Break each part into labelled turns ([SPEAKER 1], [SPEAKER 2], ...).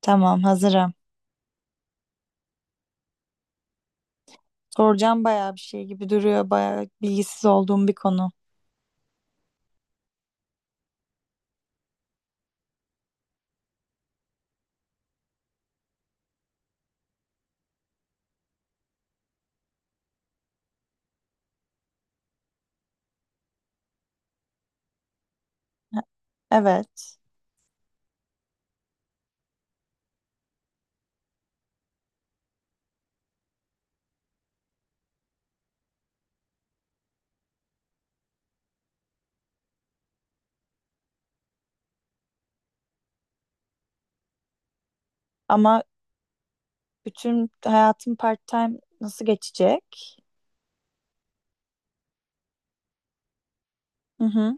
[SPEAKER 1] Tamam, hazırım. Soracağım bayağı bir şey gibi duruyor. Bayağı bilgisiz olduğum bir konu. E- Evet. Ama bütün hayatım part-time nasıl geçecek? Hı hı.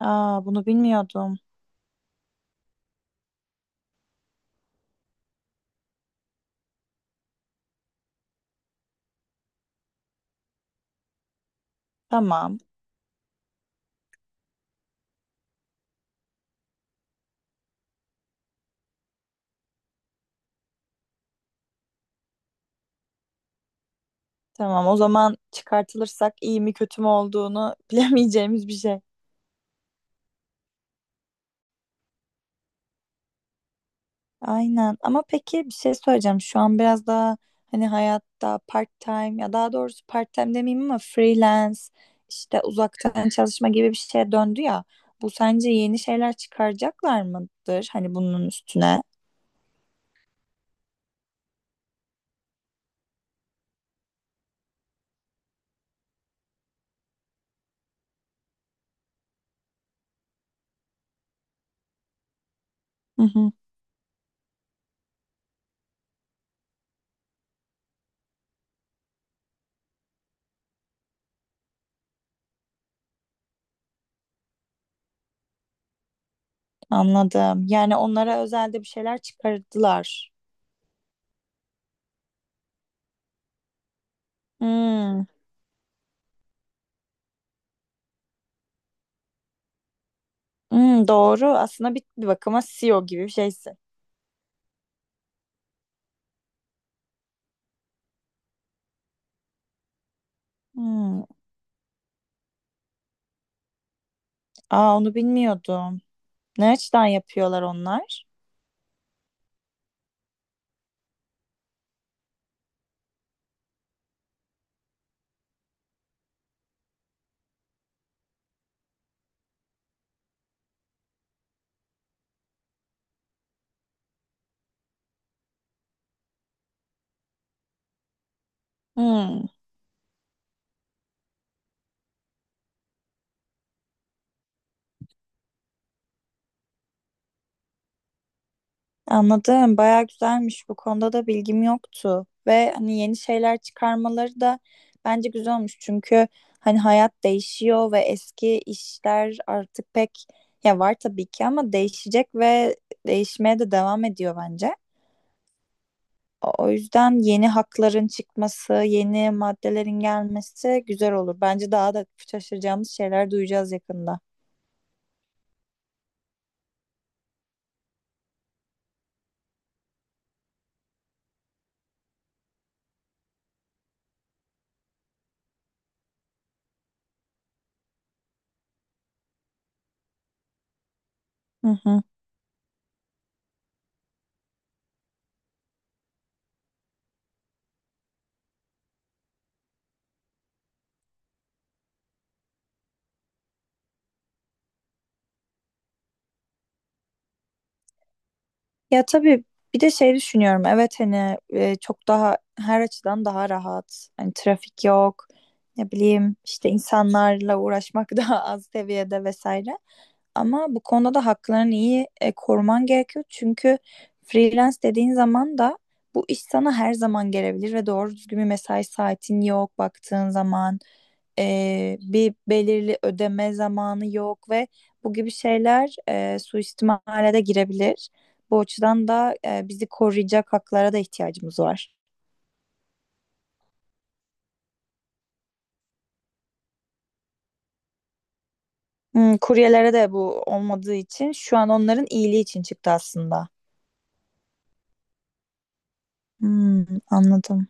[SPEAKER 1] Aa, bunu bilmiyordum. Tamam. Tamam. O zaman çıkartılırsak iyi mi kötü mü olduğunu bilemeyeceğimiz bir şey. Aynen, ama peki bir şey söyleyeceğim, şu an biraz daha hani hayatta part time, ya daha doğrusu part time demeyeyim ama freelance işte uzaktan çalışma gibi bir şeye döndü ya, bu sence yeni şeyler çıkaracaklar mıdır hani bunun üstüne? Hı hı, anladım, yani onlara özelde bir şeyler çıkardılar. Hmm. Hmm, doğru aslında, bir bakıma CEO gibi bir şeysin. Hmm, aa, onu bilmiyordum. Ne açıdan yapıyorlar onlar? Hmm. Anladım. Bayağı güzelmiş. Bu konuda da bilgim yoktu. Ve hani yeni şeyler çıkarmaları da bence güzel olmuş. Çünkü hani hayat değişiyor ve eski işler artık pek, ya var tabii ki ama değişecek ve değişmeye de devam ediyor bence. O yüzden yeni hakların çıkması, yeni maddelerin gelmesi güzel olur. Bence daha da şaşıracağımız şeyler duyacağız yakında. Hı hı. Ya tabii, bir de şey düşünüyorum. Evet, hani çok daha her açıdan daha rahat. Hani trafik yok. Ne bileyim, işte insanlarla uğraşmak daha az seviyede vesaire. Ama bu konuda da haklarını iyi koruman gerekiyor. Çünkü freelance dediğin zaman da bu iş sana her zaman gelebilir ve doğru düzgün bir mesai saatin yok baktığın zaman. Bir belirli ödeme zamanı yok ve bu gibi şeyler suistimale de girebilir. Bu açıdan da bizi koruyacak haklara da ihtiyacımız var. Hmm, kuryelere de bu olmadığı için şu an onların iyiliği için çıktı aslında. Hmm, anladım.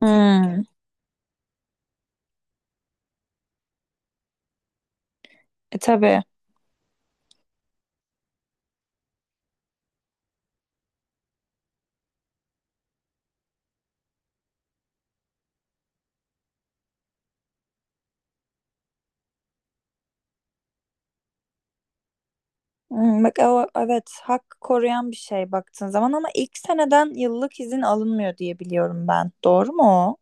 [SPEAKER 1] Hmm, tabii. Hmm, bak o, evet, hak koruyan bir şey baktığın zaman, ama ilk seneden yıllık izin alınmıyor diye biliyorum ben. Doğru mu o?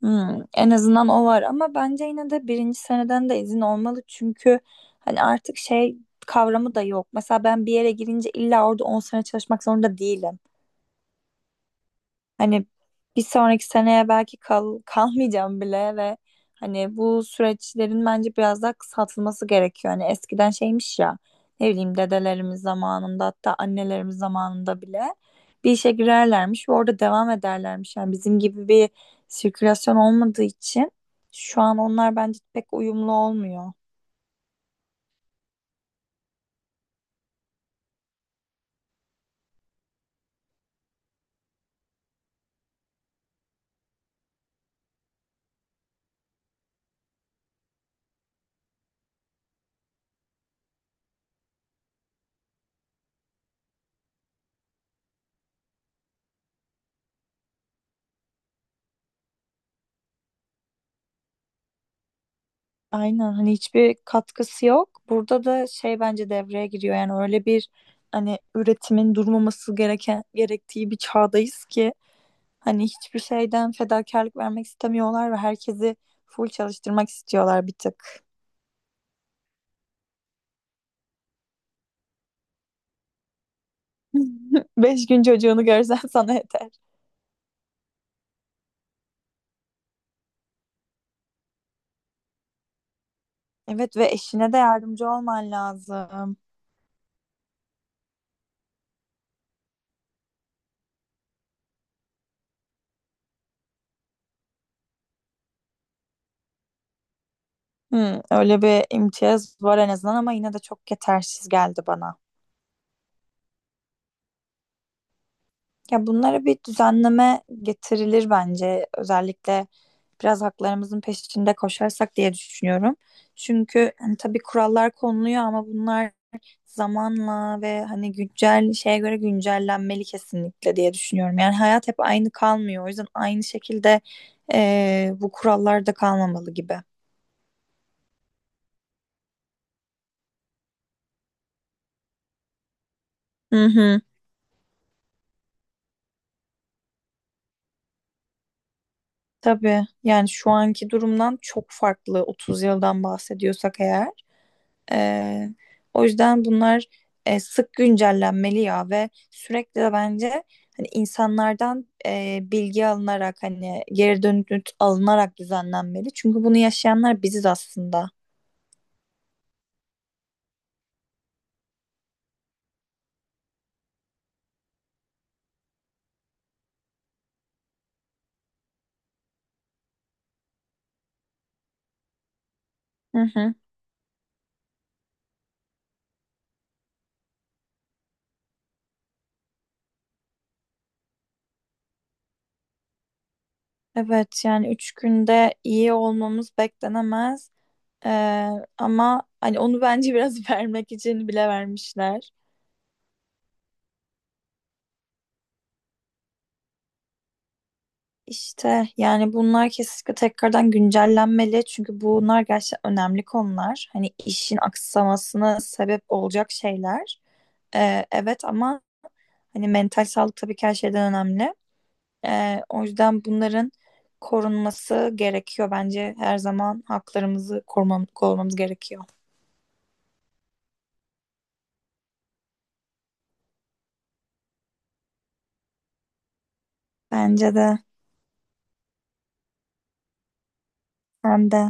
[SPEAKER 1] Hmm, en azından o var, ama bence yine de birinci seneden de izin olmalı. Çünkü hani artık şey kavramı da yok. Mesela ben bir yere girince illa orada 10 sene çalışmak zorunda değilim. Hani bir sonraki seneye belki kalmayacağım bile ve hani bu süreçlerin bence biraz daha kısaltılması gerekiyor. Hani eskiden şeymiş ya, ne bileyim, dedelerimiz zamanında, hatta annelerimiz zamanında bile bir işe girerlermiş ve orada devam ederlermiş. Yani bizim gibi bir sirkülasyon olmadığı için şu an onlar bence pek uyumlu olmuyor. Aynen, hani hiçbir katkısı yok. Burada da şey bence devreye giriyor, yani öyle bir, hani üretimin durmaması gereken gerektiği bir çağdayız ki hani hiçbir şeyden fedakarlık vermek istemiyorlar ve herkesi full çalıştırmak istiyorlar bir tık. Beş gün çocuğunu görsen sana yeter. Evet, ve eşine de yardımcı olman lazım. Hmm, öyle bir imtiyaz var en azından, ama yine de çok yetersiz geldi bana. Ya bunlara bir düzenleme getirilir bence, özellikle biraz haklarımızın peşinde koşarsak diye düşünüyorum. Çünkü hani tabii kurallar konuluyor, ama bunlar zamanla ve hani güncel şeye göre güncellenmeli kesinlikle diye düşünüyorum. Yani hayat hep aynı kalmıyor. O yüzden aynı şekilde bu kurallar da kalmamalı gibi. Hı hı. Tabii, yani şu anki durumdan çok farklı 30 yıldan bahsediyorsak eğer. Ee, O yüzden bunlar sık güncellenmeli ya, ve sürekli de bence hani insanlardan bilgi alınarak, hani geri dönüt alınarak düzenlenmeli. Çünkü bunu yaşayanlar biziz aslında. Hı hı. Evet, yani üç günde iyi olmamız beklenemez. Ee, Ama hani onu bence biraz vermek için bile vermişler. İşte yani bunlar kesinlikle tekrardan güncellenmeli, çünkü bunlar gerçekten önemli konular. Hani işin aksamasına sebep olacak şeyler. Evet, ama hani mental sağlık tabii ki her şeyden önemli. O yüzden bunların korunması gerekiyor bence. Her zaman haklarımızı korumamız gerekiyor. Bence de. Hem de.